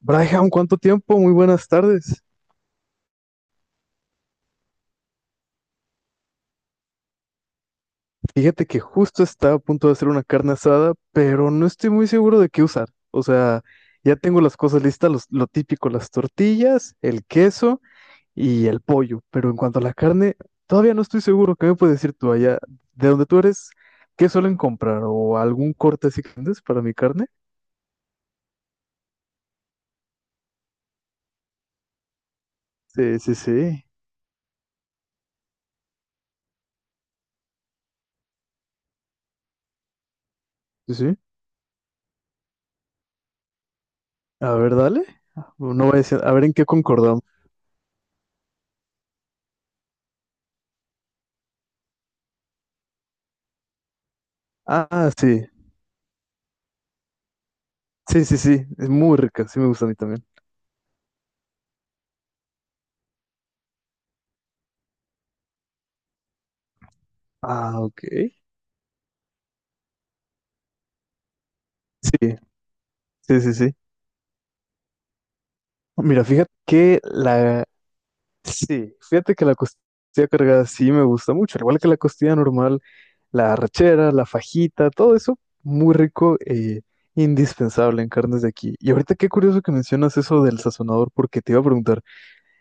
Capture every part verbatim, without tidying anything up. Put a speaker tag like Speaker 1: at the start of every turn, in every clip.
Speaker 1: Braihan, ¿cuánto tiempo? Muy buenas tardes. Fíjate que justo estaba a punto de hacer una carne asada, pero no estoy muy seguro de qué usar. O sea, ya tengo las cosas listas, los- lo típico, las tortillas, el queso y el pollo. Pero en cuanto a la carne, todavía no estoy seguro. ¿Qué me puedes decir tú allá? ¿De donde tú eres? ¿Qué suelen comprar? ¿O algún corte así que vendes para mi carne? Sí, sí, sí. Sí, sí. A ver, dale. No voy a decir, a ver en qué concordamos. Ah, sí. Sí, sí, sí. Es muy rica. Sí me gusta a mí también. Ah, ok. Sí, sí, sí, sí. Mira, fíjate que la... Sí, fíjate que la costilla cargada sí me gusta mucho, al igual que la costilla normal, la arrachera, la fajita, todo eso, muy rico e indispensable en carnes de aquí. Y ahorita qué curioso que mencionas eso del sazonador, porque te iba a preguntar,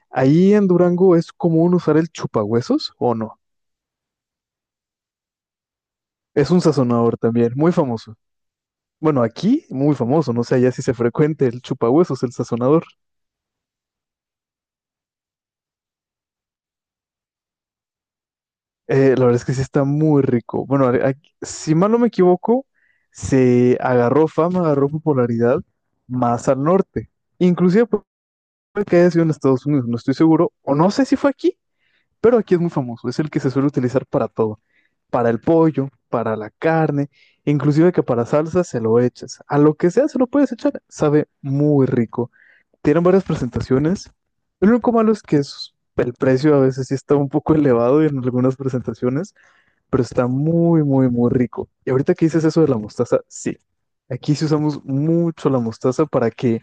Speaker 1: ¿ahí en Durango es común usar el chupahuesos o no? Es un sazonador también, muy famoso. Bueno, aquí muy famoso, no sé allá si se frecuente el chupahuesos, el sazonador. Eh, la verdad es que sí está muy rico. Bueno, a- a- si mal no me equivoco, se agarró fama, agarró popularidad más al norte. Inclusive pu- puede que haya sido en Estados Unidos, no estoy seguro, o no sé si fue aquí, pero aquí es muy famoso. Es el que se suele utilizar para todo, para el pollo, para la carne, inclusive que para salsa se lo echas. A lo que sea se lo puedes echar, sabe muy rico. Tienen varias presentaciones. Lo único malo es que es- el precio a veces sí está un poco elevado en algunas presentaciones, pero está muy, muy, muy rico. Y ahorita que dices eso de la mostaza, sí. Aquí sí usamos mucho la mostaza para que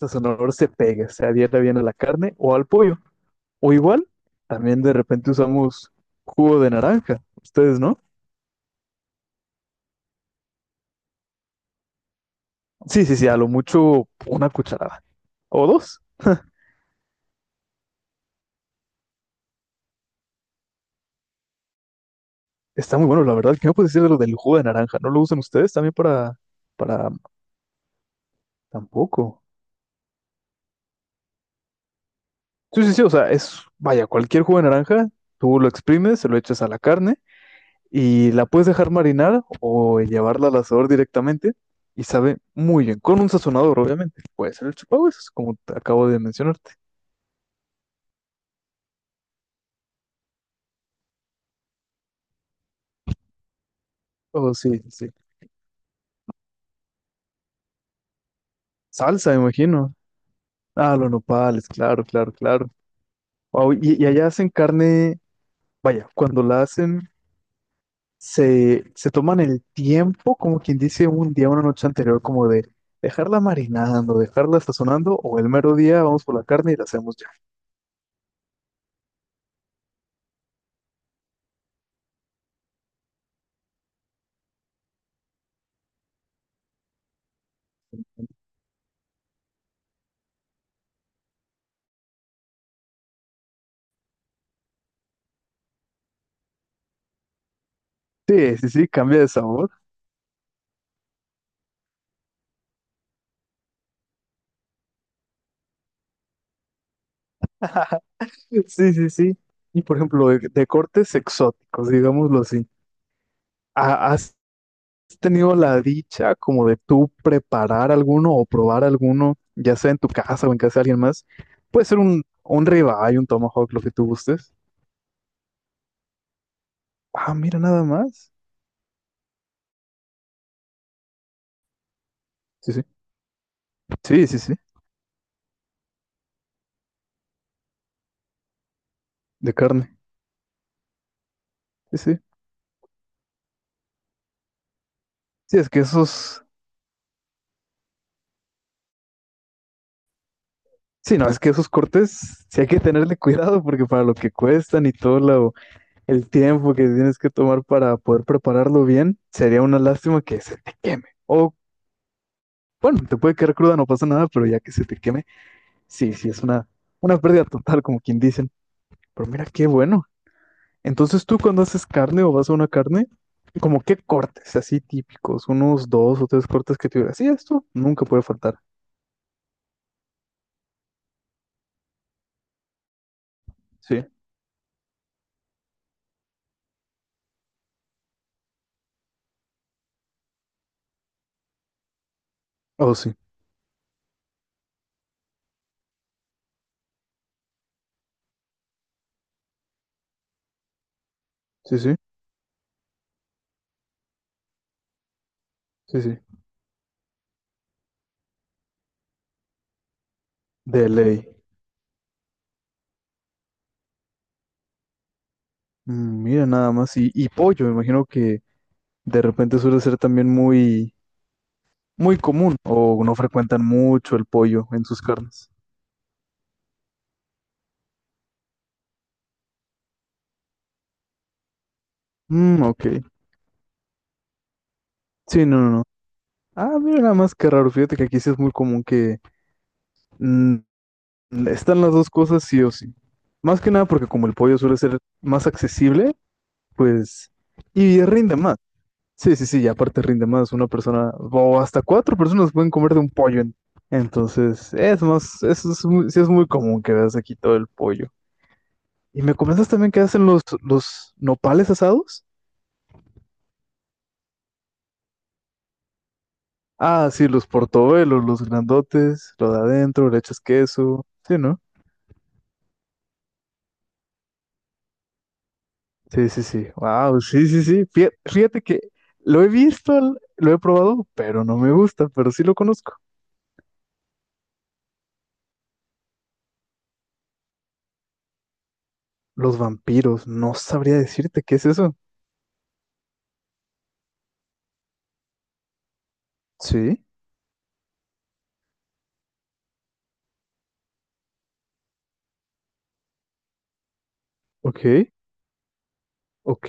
Speaker 1: el sonador se pegue, se adhiera bien a la carne o al pollo. O igual, también de repente usamos jugo de naranja. ¿Ustedes no? Sí, sí, sí, a lo mucho una cucharada o dos. Está muy bueno, la verdad. ¿Qué me puedes decir de lo del jugo de naranja? ¿No lo usan ustedes también para, para, tampoco? Sí, sí, sí, o sea, es, vaya, cualquier jugo de naranja, tú lo exprimes, se lo echas a la carne y la puedes dejar marinar o llevarla al asador directamente y sabe muy bien, con un sazonador, obviamente. Puede ser el chupahuesos, como te acabo de mencionarte. Oh, sí, sí. Salsa, me imagino. Ah, los nopales, claro, claro, claro. Wow, y, y allá hacen carne, vaya, cuando la hacen, se, se toman el tiempo, como quien dice, un día, una noche anterior, como de dejarla marinando, dejarla sazonando, o el mero día vamos por la carne y la hacemos ya. Sí, sí, sí, cambia de sabor. Sí, sí, sí. Y por ejemplo, de, de cortes exóticos, digámoslo así. ¿ha- ¿Has tenido la dicha como de tú preparar alguno o probar alguno, ya sea en tu casa o en casa de alguien más? Puede ser un, un ribeye, un tomahawk, lo que tú gustes. Ah, mira, nada más. Sí, sí. Sí, sí, sí. De carne. Sí, sí. Sí, es que esos. Sí, no, es que esos cortes sí hay que tenerle cuidado porque para lo que cuestan y todo lo, el tiempo que tienes que tomar para poder prepararlo bien, sería una lástima que se te queme. O bueno, te puede quedar cruda, no pasa nada, pero ya que se te queme, sí, sí, es una, una pérdida total, como quien dicen. Pero mira, qué bueno. Entonces tú cuando haces carne o vas a una carne, como qué cortes así típicos, unos dos o tres cortes que tuvieras. Sí, esto nunca puede faltar. Sí. Oh, sí, sí, sí, sí, sí. De ley. Mm, mira nada más. Y, y pollo, me imagino que de repente suele ser también muy muy común o no frecuentan mucho el pollo en sus carnes. Mm, ok. Sí, no, no, no. Ah, mira nada más que raro. Fíjate que aquí sí es muy común que mm, están las dos cosas sí o sí. Más que nada porque como el pollo suele ser más accesible, pues... Y rinde más. Sí, sí, sí, y aparte rinde más. Una persona o hasta cuatro personas pueden comer de un pollo. en- Entonces, es más, eso es muy, sí es muy común que veas aquí todo el pollo. Y me comentas también que hacen los, los nopales asados. Ah, sí, los portobelos, los grandotes, lo de adentro, le echas queso. Sí, ¿no? Sí, sí, sí. Wow, sí, sí, sí. Fie- Fíjate que lo he visto, l- lo he probado, pero no me gusta, pero sí lo conozco. Los vampiros, no sabría decirte qué es eso. Sí, ok, ok.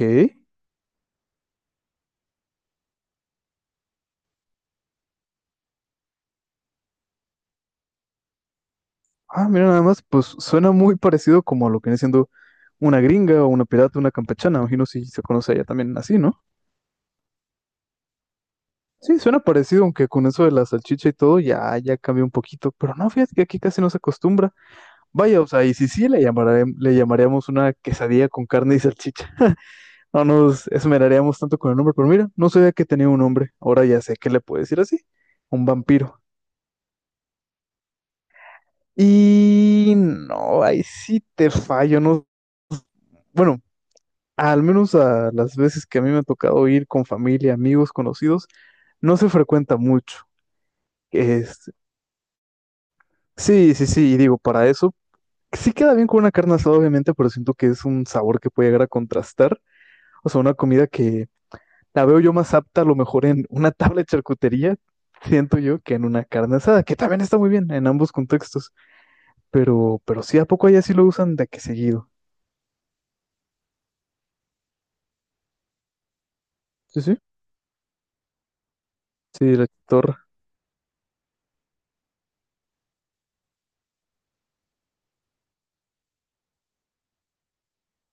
Speaker 1: Ah, mira, nada más, pues suena muy parecido como a lo que viene siendo una gringa o una pirata, una campechana. Imagino si se conoce allá también así, ¿no? Sí, suena parecido, aunque con eso de la salchicha y todo ya, ya cambió un poquito, pero no, fíjate que aquí casi no se acostumbra. Vaya, o sea, y si sí, le llamaré- le llamaríamos una quesadilla con carne y salchicha. No nos esmeraríamos tanto con el nombre, pero mira, no sabía que tenía un nombre, ahora ya sé que le puedo decir así, un vampiro. Y no, ahí sí te fallo, no, bueno, al menos a las veces que a mí me ha tocado ir con familia, amigos, conocidos, no se frecuenta mucho. Es- Sí, sí, sí, y digo, para eso sí queda bien con una carne asada, obviamente, pero siento que es un sabor que puede llegar a contrastar. O sea, una comida que la veo yo más apta a lo mejor en una tabla de charcutería, siento yo, que en una carne asada, que también está muy bien en ambos contextos. Pero, pero sí, ¿a poco allá sí lo usan de que seguido? Sí, sí. Sí, la torre.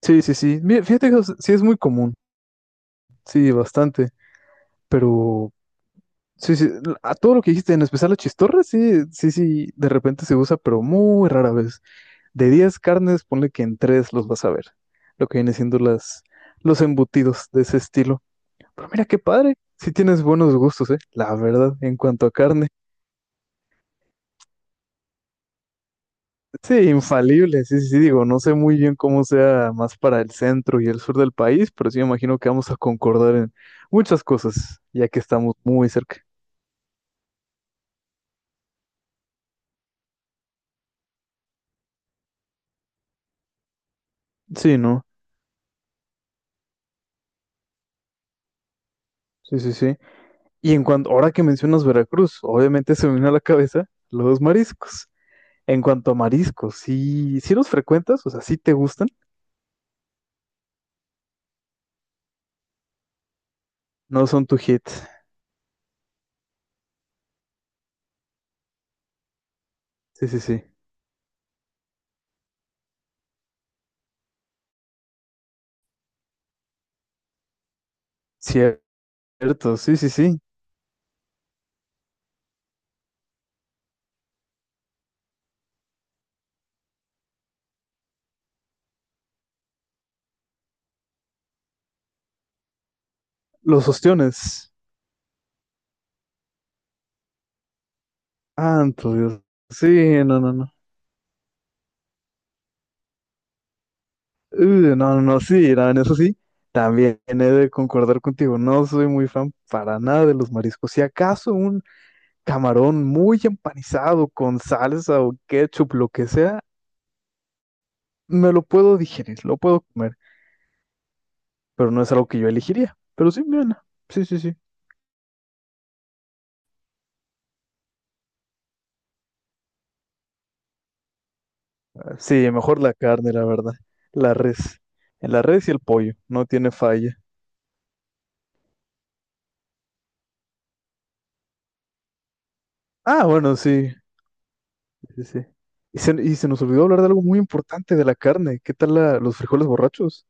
Speaker 1: Sí, sí, sí. Mira, fíjate que o sea, sí es muy común. Sí, bastante. Pero sí, sí. A todo lo que dijiste, en especial la chistorra, sí, sí, sí, de repente se usa, pero muy rara vez. De diez carnes, ponle que en tres los vas a ver. Lo que viene siendo las, los embutidos de ese estilo. Pero mira qué padre. Sí tienes buenos gustos, ¿eh? La verdad, en cuanto a carne. Sí, infalible. Sí, sí, sí, digo, no sé muy bien cómo sea más para el centro y el sur del país, pero sí me imagino que vamos a concordar en muchas cosas, ya que estamos muy cerca. Sí, ¿no? Sí, sí, sí. Y en cuanto, ahora que mencionas Veracruz, obviamente se me vino a la cabeza los mariscos. En cuanto a mariscos, sí, sí los frecuentas, o sea, sí te gustan, no son tu hit. Sí, sí, sí. Cierto, sí, sí, sí. Los ostiones. Santo Dios. Sí, no, no, no. Uh, no, no, no, sí, no, en eso sí. También he de concordar contigo. No soy muy fan para nada de los mariscos. Si acaso un camarón muy empanizado con salsa o ketchup, lo que sea, me lo puedo digerir, lo puedo comer, pero no es algo que yo elegiría. Pero sí, bien. Sí, sí, sí. Sí, mejor la carne, la verdad. La res. La res y el pollo, no tiene falla. Ah, bueno, sí, sí, sí. Y se, y se nos olvidó hablar de algo muy importante de la carne. ¿Qué tal la- los frijoles borrachos?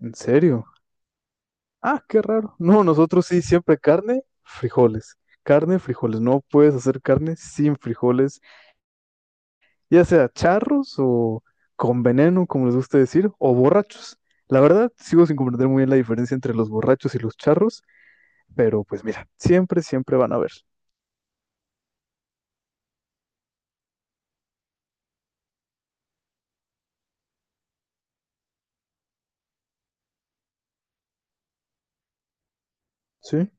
Speaker 1: ¿En serio? Ah, qué raro. No, nosotros sí, siempre carne, frijoles. Carne, frijoles. No puedes hacer carne sin frijoles, ya sea charros o con veneno, como les gusta decir, o borrachos. La verdad, sigo sin comprender muy bien la diferencia entre los borrachos y los charros, pero pues mira, siempre, siempre van a haber. Sí,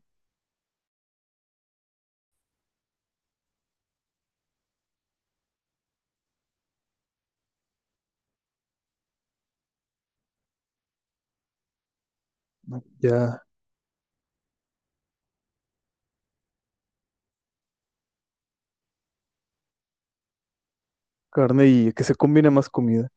Speaker 1: ya carne y que se combine más comida.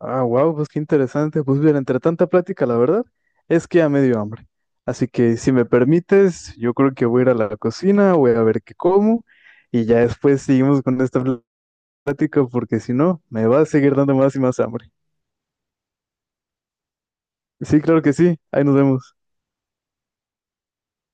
Speaker 1: Ah, wow, pues qué interesante. Pues bien, entre tanta plática, la verdad es que ya me dio hambre. Así que si me permites, yo creo que voy a ir a la cocina, voy a ver qué como y ya después seguimos con esta plática porque si no, me va a seguir dando más y más hambre. Sí, claro que sí. Ahí nos vemos.